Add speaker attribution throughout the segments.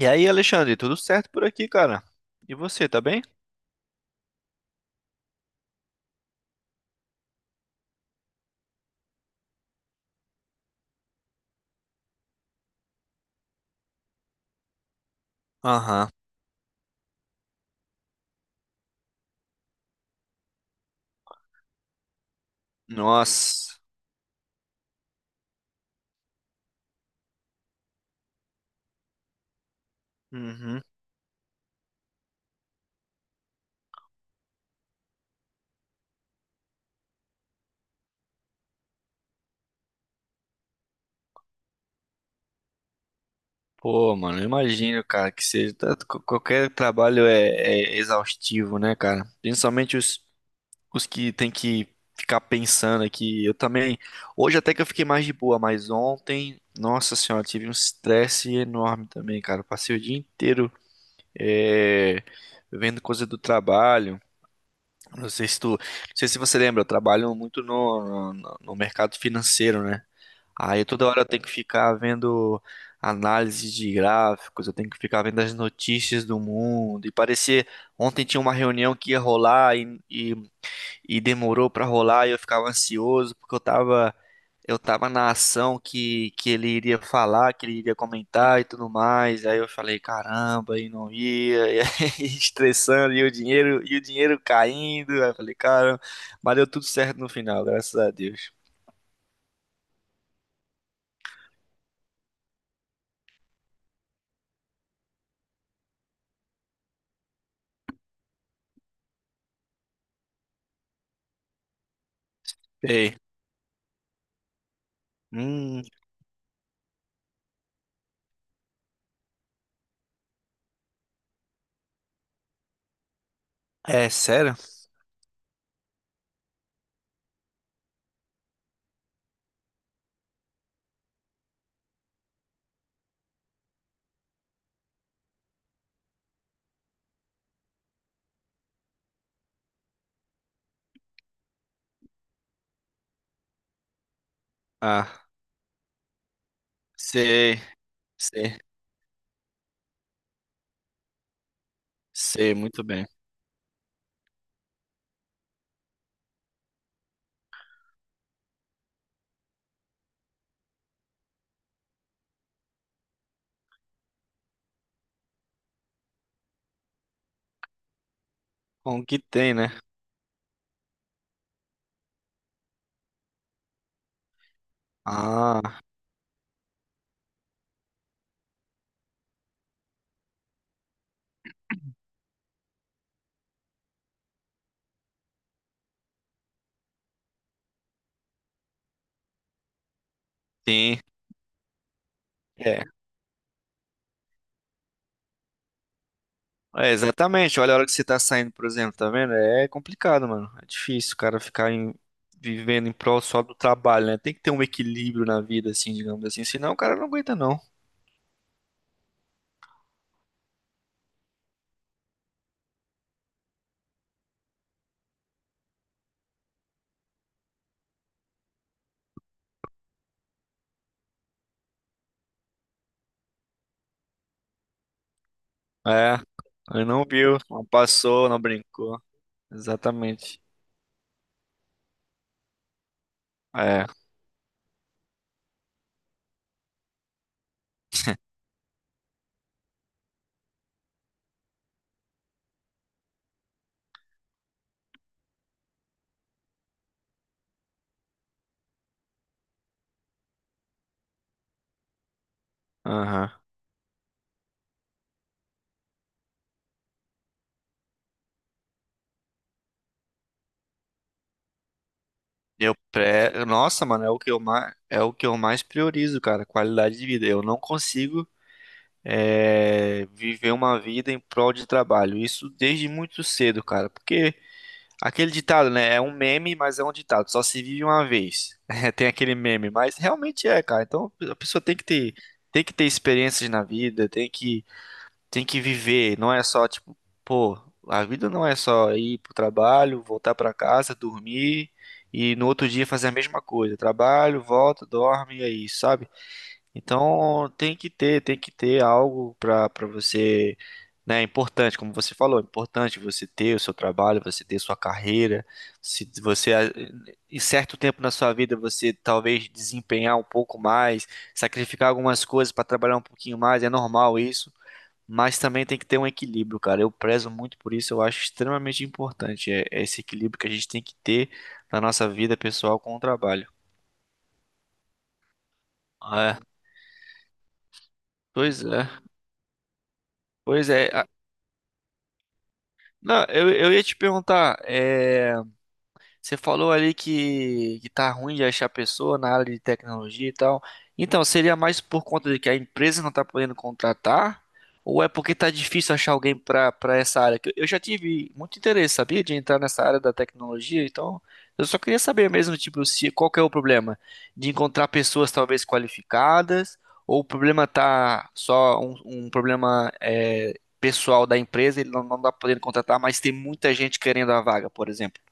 Speaker 1: E aí, Alexandre, tudo certo por aqui, cara? E você, tá bem? Aham. Nossa. Uhum. Pô, mano, eu imagino, cara, que seja qualquer trabalho é exaustivo, né, cara? Principalmente os que tem que ficar pensando aqui. Eu também. Hoje até que eu fiquei mais de boa, mas ontem, nossa senhora, tive um estresse enorme também, cara. Eu passei o dia inteiro é, vendo coisa do trabalho. Não sei se tu, não sei se você lembra, eu trabalho muito no mercado financeiro, né? Aí toda hora eu tenho que ficar vendo análise de gráficos, eu tenho que ficar vendo as notícias do mundo. E parecia, ontem tinha uma reunião que ia rolar e demorou pra rolar e eu ficava ansioso porque eu tava na ação que ele iria falar, que ele iria comentar e tudo mais. Aí eu falei, caramba, e não ia, e aí estressando e o dinheiro caindo. Aí eu falei, caramba, mas deu tudo certo no final, graças a Deus. Ei, hum, é sério? Ah, sei, sei, sei muito bem. Com o que tem, né? Ah, sim. É, exatamente. Olha a hora que você tá saindo, por exemplo, tá vendo? É complicado, mano. É difícil o cara ficar vivendo em prol só do trabalho, né? Tem que ter um equilíbrio na vida, assim, digamos assim. Senão o cara não aguenta, não. É, ele não viu, não passou, não brincou. Exatamente. É, aham. Nossa, mano, é o que eu é o que eu mais priorizo, cara. Qualidade de vida. Eu não consigo viver uma vida em prol de trabalho. Isso desde muito cedo, cara. Porque. Aquele ditado, né? É um meme, mas é um ditado. Só se vive uma vez. É, tem aquele meme, mas realmente é, cara. Então a pessoa tem que ter experiências na vida, tem que viver. Não é só tipo, pô, a vida não é só ir pro trabalho, voltar pra casa, dormir e no outro dia fazer a mesma coisa. Trabalho, volta, dorme, e é isso, sabe? Então tem que ter algo para você, né? É importante, como você falou, é importante você ter o seu trabalho, você ter sua carreira. Se você em certo tempo na sua vida você talvez desempenhar um pouco mais, sacrificar algumas coisas para trabalhar um pouquinho mais, é normal isso. Mas também tem que ter um equilíbrio, cara. Eu prezo muito por isso, eu acho extremamente importante é esse equilíbrio que a gente tem que ter na nossa vida pessoal com o trabalho. É, pois é. Pois é, não, eu ia te perguntar, é, você falou ali que tá ruim de achar pessoa na área de tecnologia e tal. Então, seria mais por conta de que a empresa não tá podendo contratar? Ou é porque tá difícil achar alguém pra para essa área? Que eu já tive muito interesse, sabia, de entrar nessa área da tecnologia. Então, eu só queria saber mesmo, tipo, se qual que é o problema de encontrar pessoas talvez qualificadas, ou o problema tá só um problema pessoal da empresa, ele não tá podendo contratar, mas tem muita gente querendo a vaga, por exemplo.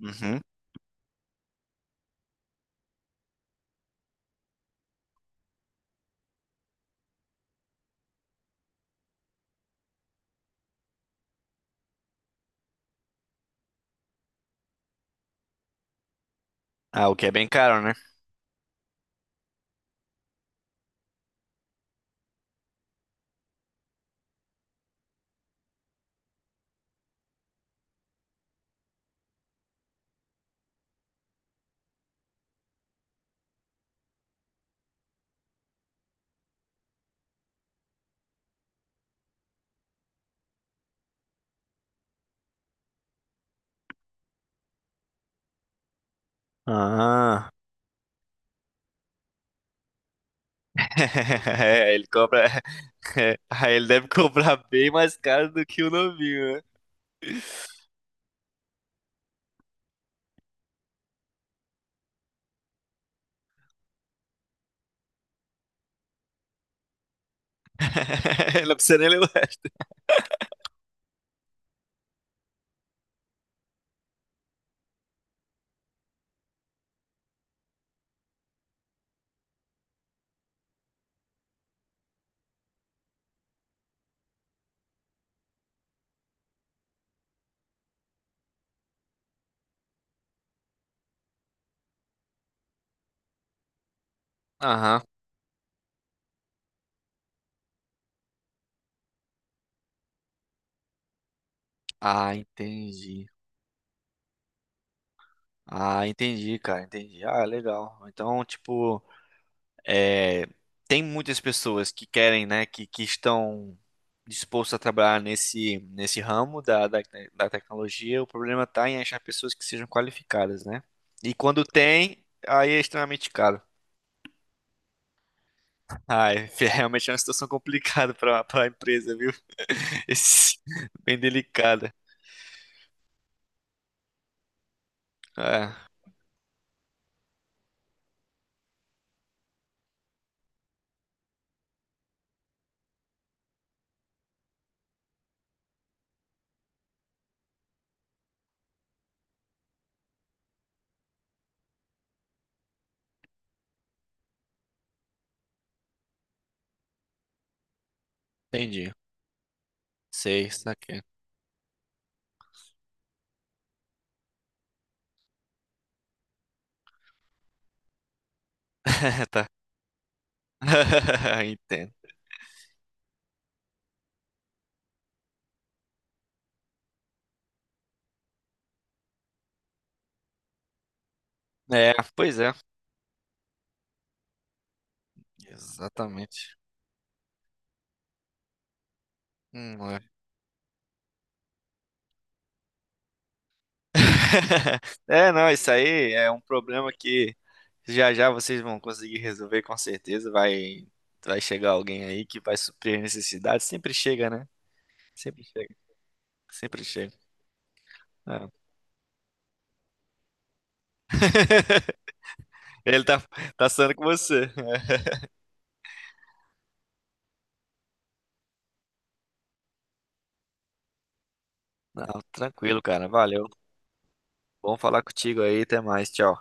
Speaker 1: Uhum. Ah, o que é bem caro, né? Ah. É, ele cobra. É, aí ele deve cobrar bem mais caro do que o novinho, né? Não precisa nem levar. Aham. Ah, entendi. Ah, entendi, cara, entendi. Ah, legal. Então, tipo. É, tem muitas pessoas que querem, né, que estão dispostos a trabalhar nesse, nesse ramo da tecnologia. O problema está em achar pessoas que sejam qualificadas, né? E quando tem, aí é extremamente caro. Ah, é, realmente é uma situação complicada para a empresa, viu? Esse- bem delicada. Ah, entendi. Sei, isso aqui. Tá. Entendo. É, pois é. Exatamente. Hum, é, não, isso aí é um problema que já já vocês vão conseguir resolver com certeza. Vai, vai chegar alguém aí que vai suprir a necessidade. Sempre chega, né? Sempre chega, sempre chega. Ah, ele tá, tá sendo com você. Não, tranquilo, cara. Valeu. Bom falar contigo aí. Até mais. Tchau.